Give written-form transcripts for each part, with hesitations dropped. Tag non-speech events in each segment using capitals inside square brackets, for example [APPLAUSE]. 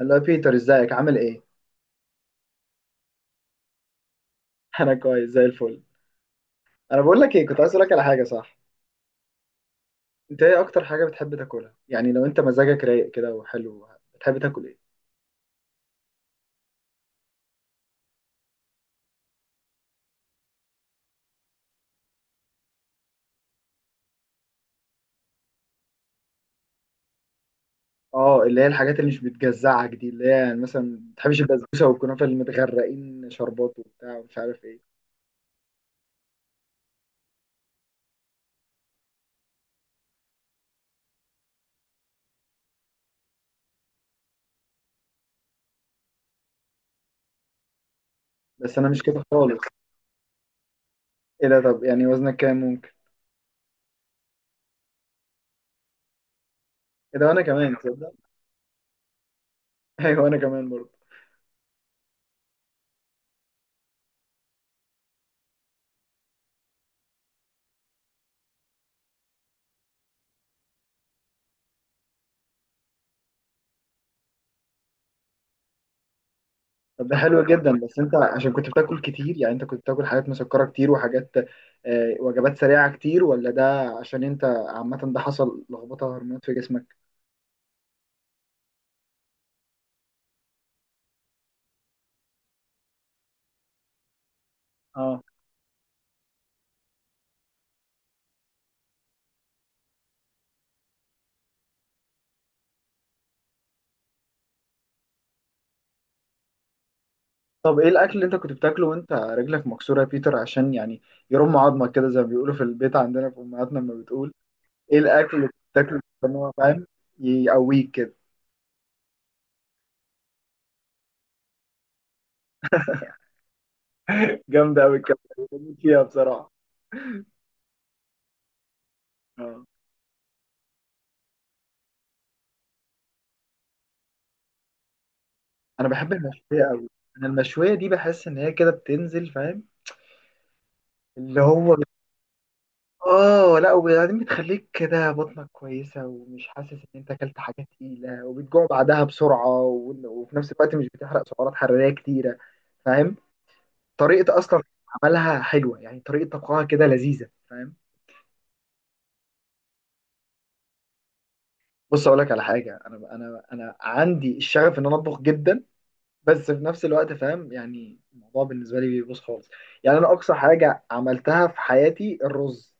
اللي هو بيتر، ازيك؟ عامل ايه؟ [LAUGHS] انا كويس زي الفل. انا بقول لك ايه، كنت عايز اقول لك على حاجه، صح؟ انت ايه اكتر حاجه بتحب تاكلها؟ يعني لو انت مزاجك رايق كده وحلو، بتحب تاكل ايه؟ اه، اللي هي الحاجات اللي مش بتجزعك دي، اللي هي يعني مثلا ما بتحبش البسبوسه والكنافه اللي متغرقين شربات وبتاع ومش عارف ايه. بس انا مش كده خالص. ايه ده؟ طب يعني وزنك كام ممكن؟ ايه ده؟ وانا كمان، تصدق؟ [LAUGHS] ايوه، وانا كمان برضه. طب ده حلو جدا. بس انت عشان كنت بتاكل كتير؟ يعني انت كنت بتاكل حاجات مسكرة كتير وحاجات، وجبات سريعة كتير؟ ولا ده عشان انت عامة ده حصل لخبطة هرمونات في جسمك؟ اه. طب ايه الاكل اللي انت كنت بتاكله وانت رجلك مكسورة يا بيتر؟ عشان يعني يرم عظمك كده، زي ما بيقولوا في البيت عندنا، في امهاتنا لما بتقول. ايه الاكل اللي كنت بتاكله عشان هو فاهم يقويك كده؟ جامدة قوي الكلام ده، بموت فيها بصراحة. اه. انا بحب المشوية قوي. انا المشوية دي بحس ان هي كده بتنزل، فاهم؟ اللي هو، اه، لا، وبعدين بتخليك كده بطنك كويسة، ومش حاسس ان انت اكلت حاجة تقيلة، وبتجوع بعدها بسرعة، وفي نفس الوقت مش بتحرق سعرات حرارية كتيرة، فاهم؟ طريقة اصلا عملها حلوة، يعني طريقة طبخها كده لذيذة، فاهم؟ بص، اقول لك على حاجة. انا عندي الشغف ان انا اطبخ جدا، بس في نفس الوقت، فاهم؟ يعني الموضوع بالنسبة لي بيبوظ خالص. يعني انا اقصى حاجة عملتها في حياتي الرز.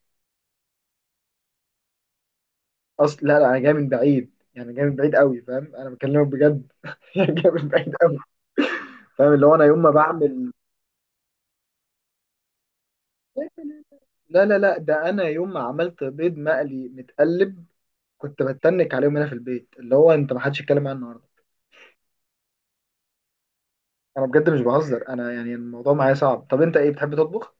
اصل، لا لا، انا جاي من بعيد، يعني جاي من بعيد قوي، فاهم؟ انا بكلمك بجد. [LAUGHS] يعني جاي من بعيد قوي، فاهم؟ اللي هو انا يوم ما بعمل، لا ده انا يوم ما عملت بيض مقلي متقلب كنت بتنك عليهم هنا في البيت، اللي هو انت ما حدش يتكلم عنه النهارده. انا بجد مش بهزر، انا يعني الموضوع معايا صعب. طب انت ايه بتحب تطبخ؟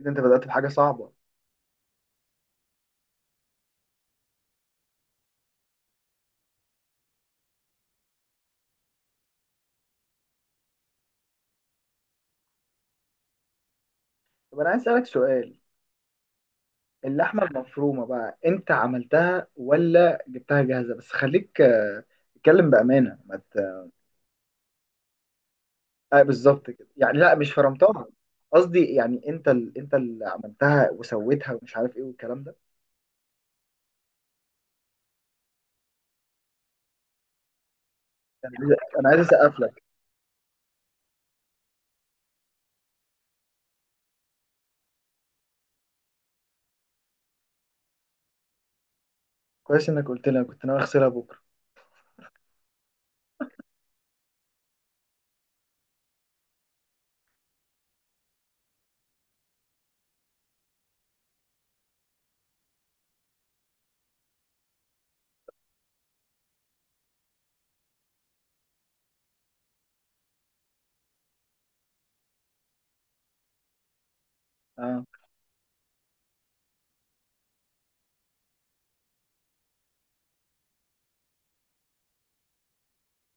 إذا انت بدأت بحاجه صعبه. طب انا عايز اسالك سؤال، اللحمه المفرومه بقى انت عملتها ولا جبتها جاهزه؟ بس خليك، اتكلم بامانه، ما ت- آه بالظبط كده يعني، لا مش فرمتها، قصدي يعني انت انت اللي عملتها وسويتها ومش عارف ايه والكلام ده. انا عايز، أنا عايز اسقف لك. كويس انك قلت لي، أنا كنت ناوي اغسلها بكره. اه.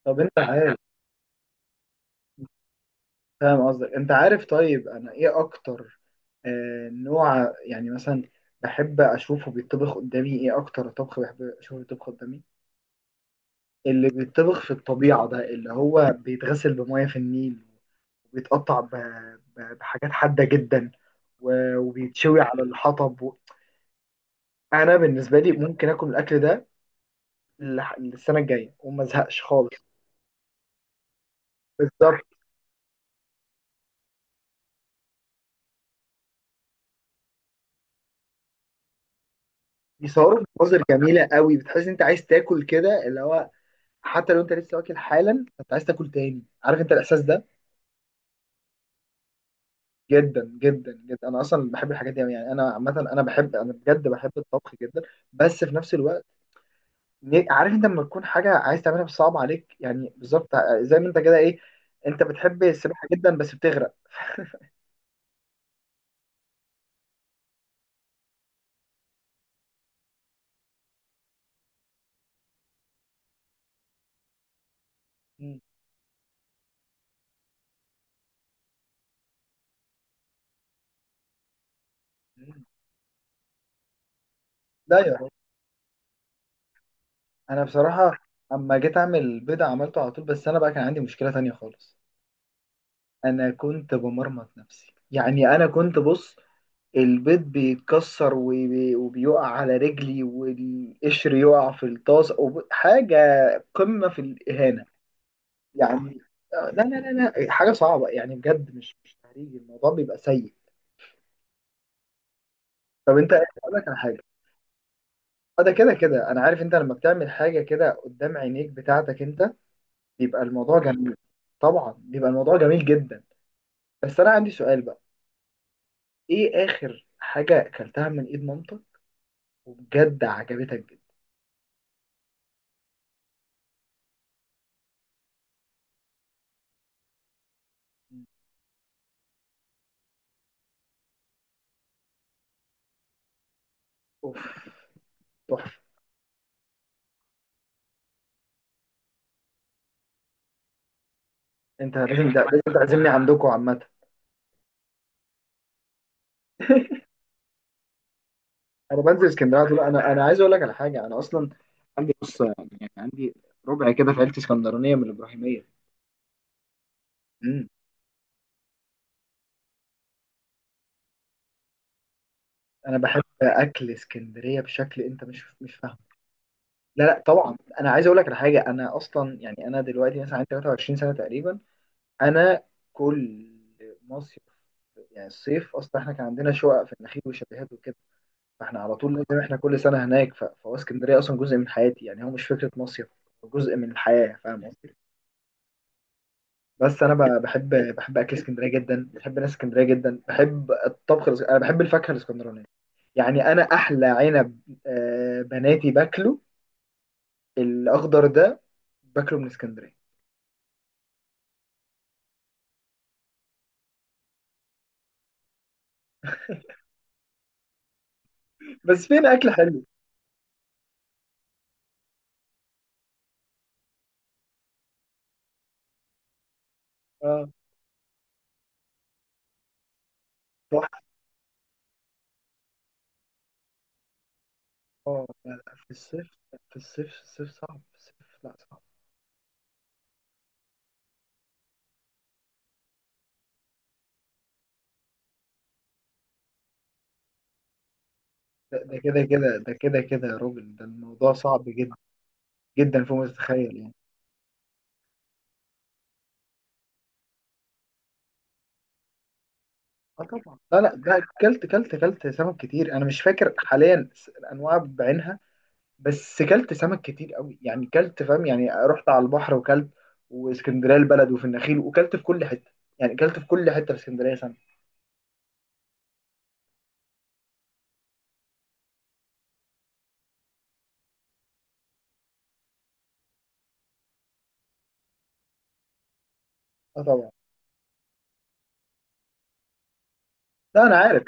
طب انت عارف، فاهم قصدك؟ انت عارف طيب انا ايه اكتر نوع يعني مثلا بحب اشوفه بيطبخ قدامي؟ ايه اكتر طبخ بحب اشوفه بيطبخ قدامي؟ اللي بيطبخ في الطبيعه ده، اللي هو بيتغسل بميه في النيل، وبيتقطع بحاجات حادة جدا، وبيتشوي على الحطب و... انا بالنسبة لي ممكن اكل الاكل ده للسنة الجاية وما ازهقش خالص. بالظبط. بيصوروا مناظر جميلة قوي، بتحس إن انت عايز تاكل كده، اللي هو حتى لو انت لسه واكل حالا، انت عايز تاكل تاني، عارف انت الاحساس ده؟ جدا جدا جدا، انا اصلا بحب الحاجات دي أوي. يعني انا عامه، انا بحب، انا بجد بحب الطبخ جدا. بس في نفس الوقت، عارف انت لما تكون حاجه عايز تعملها بس صعب عليك؟ يعني بالظبط، زي ما انت كده ايه، انت بتحب السباحه جدا بس بتغرق. مم. مم. لا يا راجل. انا بصراحه اما جيت اعمل بيضه عملته على طول، بس انا بقى كان عندي مشكله تانية خالص. انا كنت بمرمط نفسي، يعني انا كنت بص، البيض بيتكسر وبيقع على رجلي، والقشر يقع في الطاس حاجه قمه في الاهانه يعني. لا لا لا لا، حاجه صعبه يعني بجد، مش تهريج، الموضوع بيبقى سيء. طب انت، اقول لك على حاجه. اه، ده كده كده انا عارف، انت لما بتعمل حاجه كده قدام عينيك بتاعتك انت، بيبقى الموضوع جميل. طبعا بيبقى الموضوع جميل جدا. بس انا عندي سؤال بقى، ايه اخر حاجه اكلتها من ايد مامتك وبجد عجبتك جدا؟ اوف، تحفه. انت لازم، ده لازم تعزمني عندكم عامه. انا بنزل اسكندريه على طول. انا عايز اقول لك على حاجه، انا اصلا عندي، بص، يعني عندي ربع كده في عيلتي اسكندرانيه من الابراهيميه. امم. انا بحب اكل اسكندريه بشكل انت مش فاهم. لا لا، طبعا. انا عايز اقول لك على حاجه، انا اصلا يعني انا دلوقتي مثلا عندي 23 سنه تقريبا. انا كل مصيف، يعني الصيف اصلا احنا كان عندنا شقق في النخيل وشاليهات وكده، فاحنا على طول لازم احنا كل سنه هناك، فهو اسكندريه اصلا جزء من حياتي، يعني هو مش فكره مصيف، هو جزء من الحياه، فاهم قصدي؟ بس انا بحب، بحب اكل اسكندريه جدا، بحب ناس اسكندريه جدا، بحب الطبخ انا بحب الفاكهه الاسكندرانيه. يعني انا احلى عنب، بناتي باكله، الاخضر ده، باكله من اسكندريه. بس فين اكل حلو؟ اه، تحفه. اه، لا، لا، في الصيف، في الصيف، الصيف صعب في الصيف، لا صعب. ده ده كده كده، ده كده كده يا راجل، ده الموضوع صعب جدا، جدا فوق ما تتخيل يعني. اه طبعا. لا لا، ده كلت كلت سمك كتير، انا مش فاكر حاليا، الانواع بعينها، بس كلت سمك كتير قوي، يعني كلت، فاهم؟ يعني رحت على البحر وكلت، واسكندريه البلد، وفي النخيل، وكلت في كل حته، يعني كلت في كل حته في اسكندريه سمك. اه طبعا. لا، انا عارف.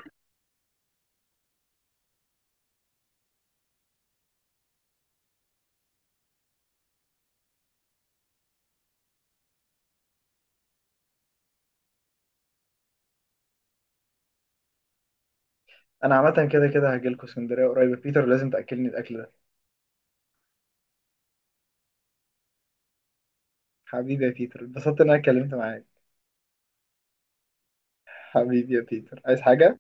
انا عامه كده كده هاجي لكم اسكندريه قريب بيتر، لازم تاكلني الاكل ده. حبيبي يا بيتر، اتبسطت ان انا اتكلمت معاك. حبيبي يا بيتر، عايز حاجة؟